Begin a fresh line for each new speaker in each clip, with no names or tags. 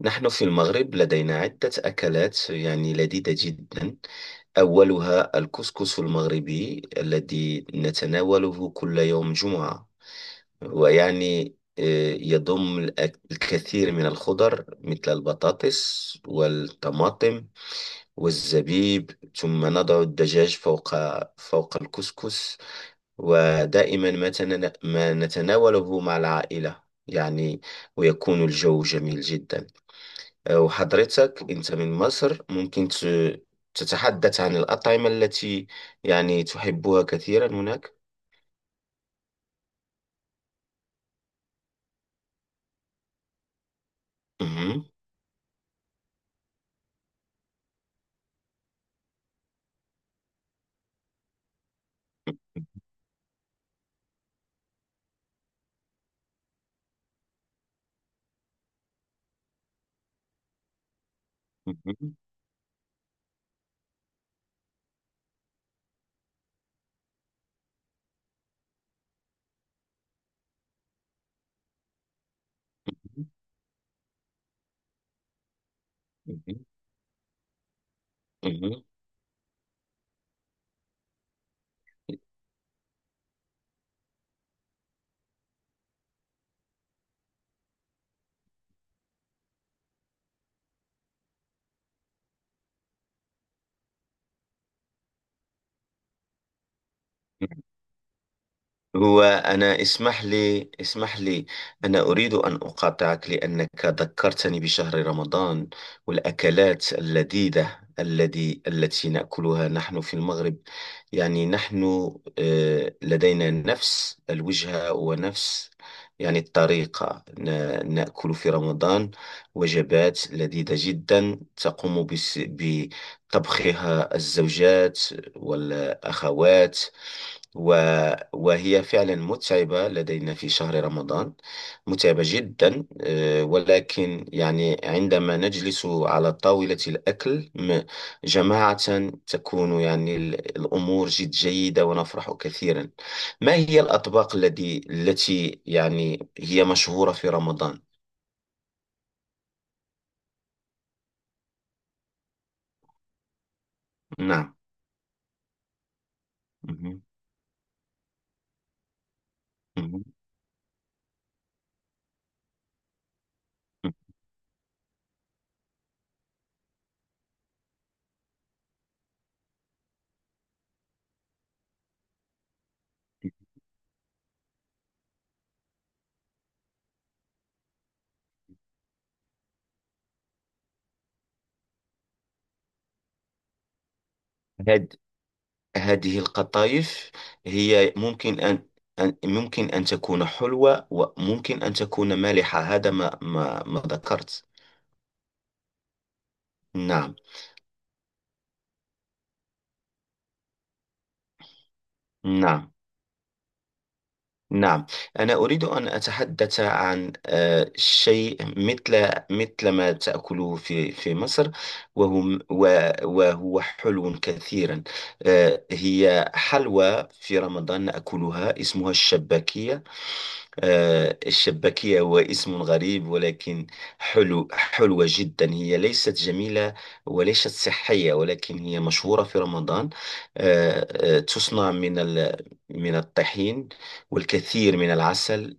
نحن في المغرب لدينا عدة أكلات يعني لذيذة جدا. أولها الكسكس المغربي الذي نتناوله كل يوم جمعة. ويعني يضم الكثير من الخضر مثل البطاطس والطماطم والزبيب، ثم نضع الدجاج فوق الكسكس. ودائما ما نتناوله مع العائلة يعني، ويكون الجو جميل جدا. وحضرتك أنت من مصر، ممكن تتحدث عن الأطعمة التي يعني تحبها كثيرا هناك. مهم. مهم. مهم. مهم. مهم. هو أنا اسمح لي اسمح لي، أنا أريد أن أقاطعك لأنك ذكرتني بشهر رمضان والأكلات اللذيذة التي نأكلها نحن في المغرب. يعني نحن لدينا نفس الوجهة ونفس يعني الطريقة، نأكل في رمضان وجبات لذيذة جدا تقوم بطبخها الزوجات والأخوات و... وهي فعلا متعبة لدينا في شهر رمضان، متعبة جدا ولكن يعني عندما نجلس على طاولة الأكل جماعة، تكون يعني الأمور جد جيدة ونفرح كثيرا. ما هي الأطباق التي يعني هي مشهورة في رمضان؟ نعم. مهم. مهم. مهم. هذه القطايف هي ممكن أن ممكن أن تكون حلوة وممكن أن تكون مالحة، هذا ما ذكرت. نعم. نعم. نعم. أنا أريد أن أتحدث عن شيء مثل ما تأكله في مصر، وهو حلو كثيرا. هي حلوى في رمضان نأكلها اسمها الشباكية. الشباكية هو اسم غريب، ولكن حلوة جدا، هي ليست جميلة وليست صحية، ولكن هي مشهورة في رمضان. تصنع من من الطحين والكثير من العسل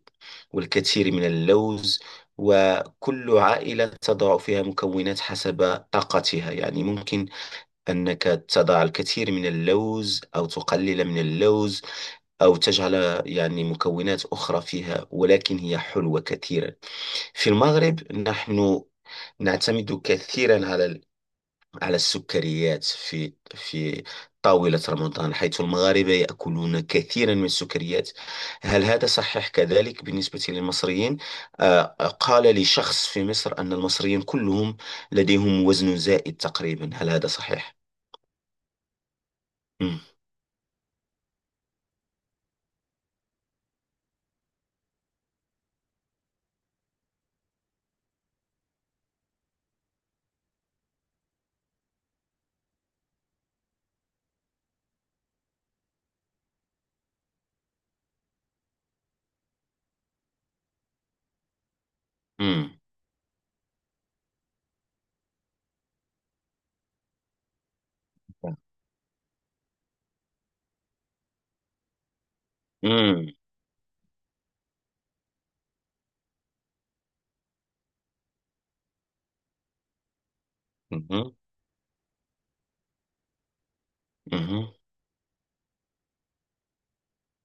والكثير من اللوز، وكل عائلة تضع فيها مكونات حسب طاقتها، يعني ممكن أنك تضع الكثير من اللوز أو تقلل من اللوز أو تجعل يعني مكونات أخرى فيها، ولكن هي حلوة كثيرا. في المغرب نحن نعتمد كثيرا على على السكريات في طاولة رمضان، حيث المغاربة يأكلون كثيرا من السكريات. هل هذا صحيح كذلك بالنسبة للمصريين؟ آه، قال لي شخص في مصر أن المصريين كلهم لديهم وزن زائد تقريبا، هل هذا صحيح؟ مم. مم. مم. مم. مم.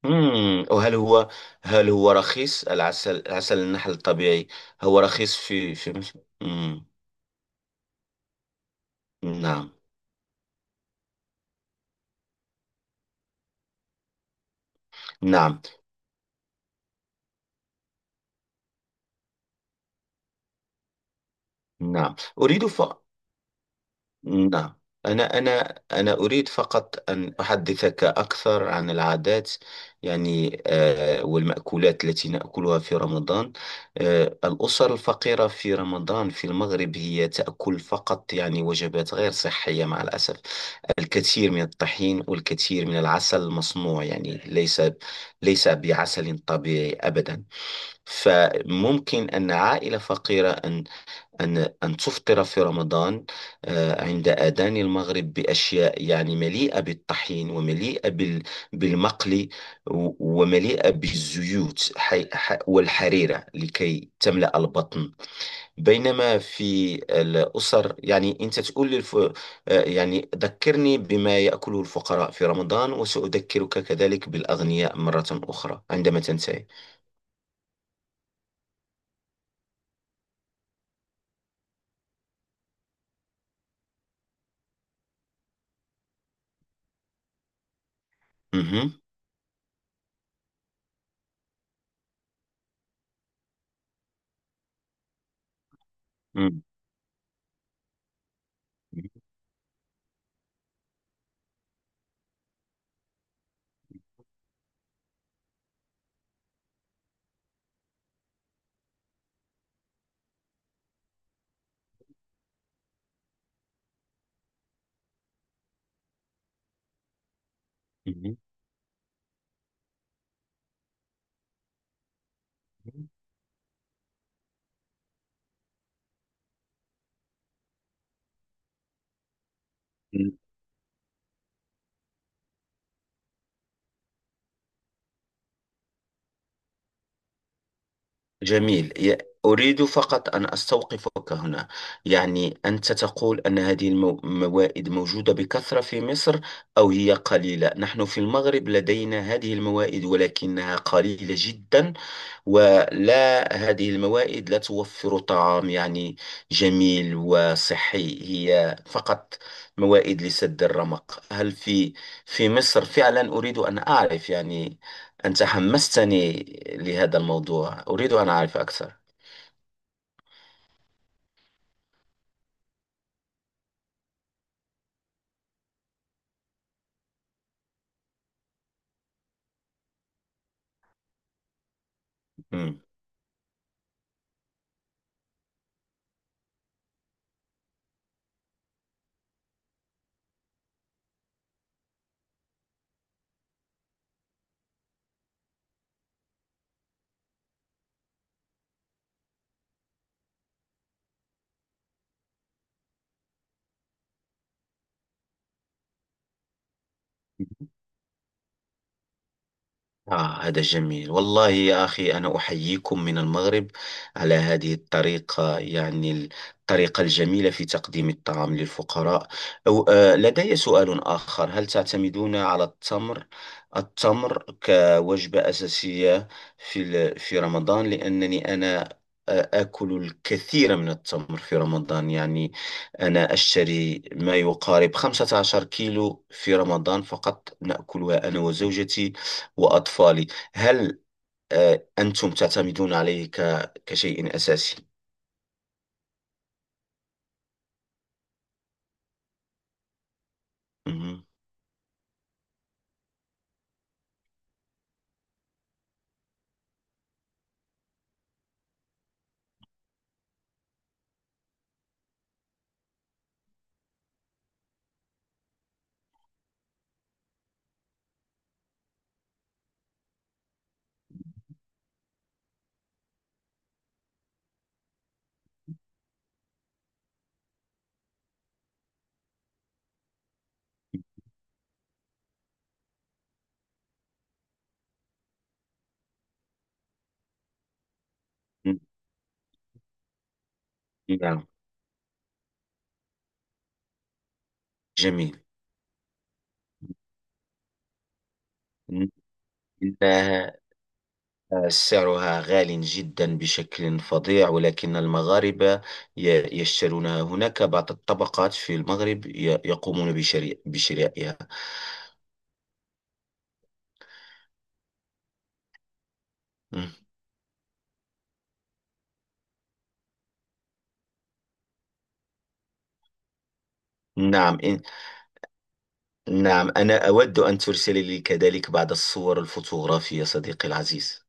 وهل هو، هل هو رخيص العسل، عسل النحل الطبيعي؟ هو رخيص في مصر؟ نعم. نعم. نعم. أريد ف نعم. أنا أريد فقط أن أحدثك أكثر عن العادات، يعني والمأكولات التي نأكلها في رمضان. الأسر الفقيرة في رمضان في المغرب هي تأكل فقط يعني وجبات غير صحية مع الأسف، الكثير من الطحين والكثير من العسل المصنوع، يعني ليس بعسل طبيعي أبدا. فممكن أن عائلة فقيرة أن أن أن تفطر في رمضان عند آذان المغرب بأشياء يعني مليئة بالطحين ومليئة بالمقلي و- ومليئة بالزيوت، والحريرة لكي تملأ البطن. بينما في الأسر يعني أنت تقول يعني ذكرني بما يأكله الفقراء في رمضان، وسأذكرك كذلك بالأغنياء مرة أخرى عندما تنتهي. مهم. مم. مهم. مهم. جميل أريد فقط أن أستوقفك هنا، يعني أنت تقول أن هذه الموائد موجودة بكثرة في مصر أو هي قليلة؟ نحن في المغرب لدينا هذه الموائد ولكنها قليلة جدا، ولا هذه الموائد لا توفر طعام يعني جميل وصحي، هي فقط موائد لسد الرمق. هل في مصر فعلا؟ أريد أن أعرف، يعني أنت حمستني لهذا الموضوع، أريد أن أعرف أكثر. مم. هذا جميل والله يا أخي، أنا أحييكم من المغرب على هذه الطريقة، يعني الطريقة الجميلة في تقديم الطعام للفقراء. أو لدي سؤال آخر، هل تعتمدون على التمر كوجبة أساسية في رمضان؟ لأنني أنا آكل الكثير من التمر في رمضان، يعني أنا أشتري ما يقارب 15 كيلو في رمضان فقط، نأكلها أنا وزوجتي وأطفالي. هل أنتم تعتمدون عليه كشيء أساسي؟ مهم. نعم. جميل، إنها سعرها غال جدا بشكل فظيع، ولكن المغاربة يشترونها، هناك بعض الطبقات في المغرب يقومون بشرائها. مم. نعم نعم، أنا أود أن ترسل لي كذلك بعض الصور الفوتوغرافية، صديقي العزيز.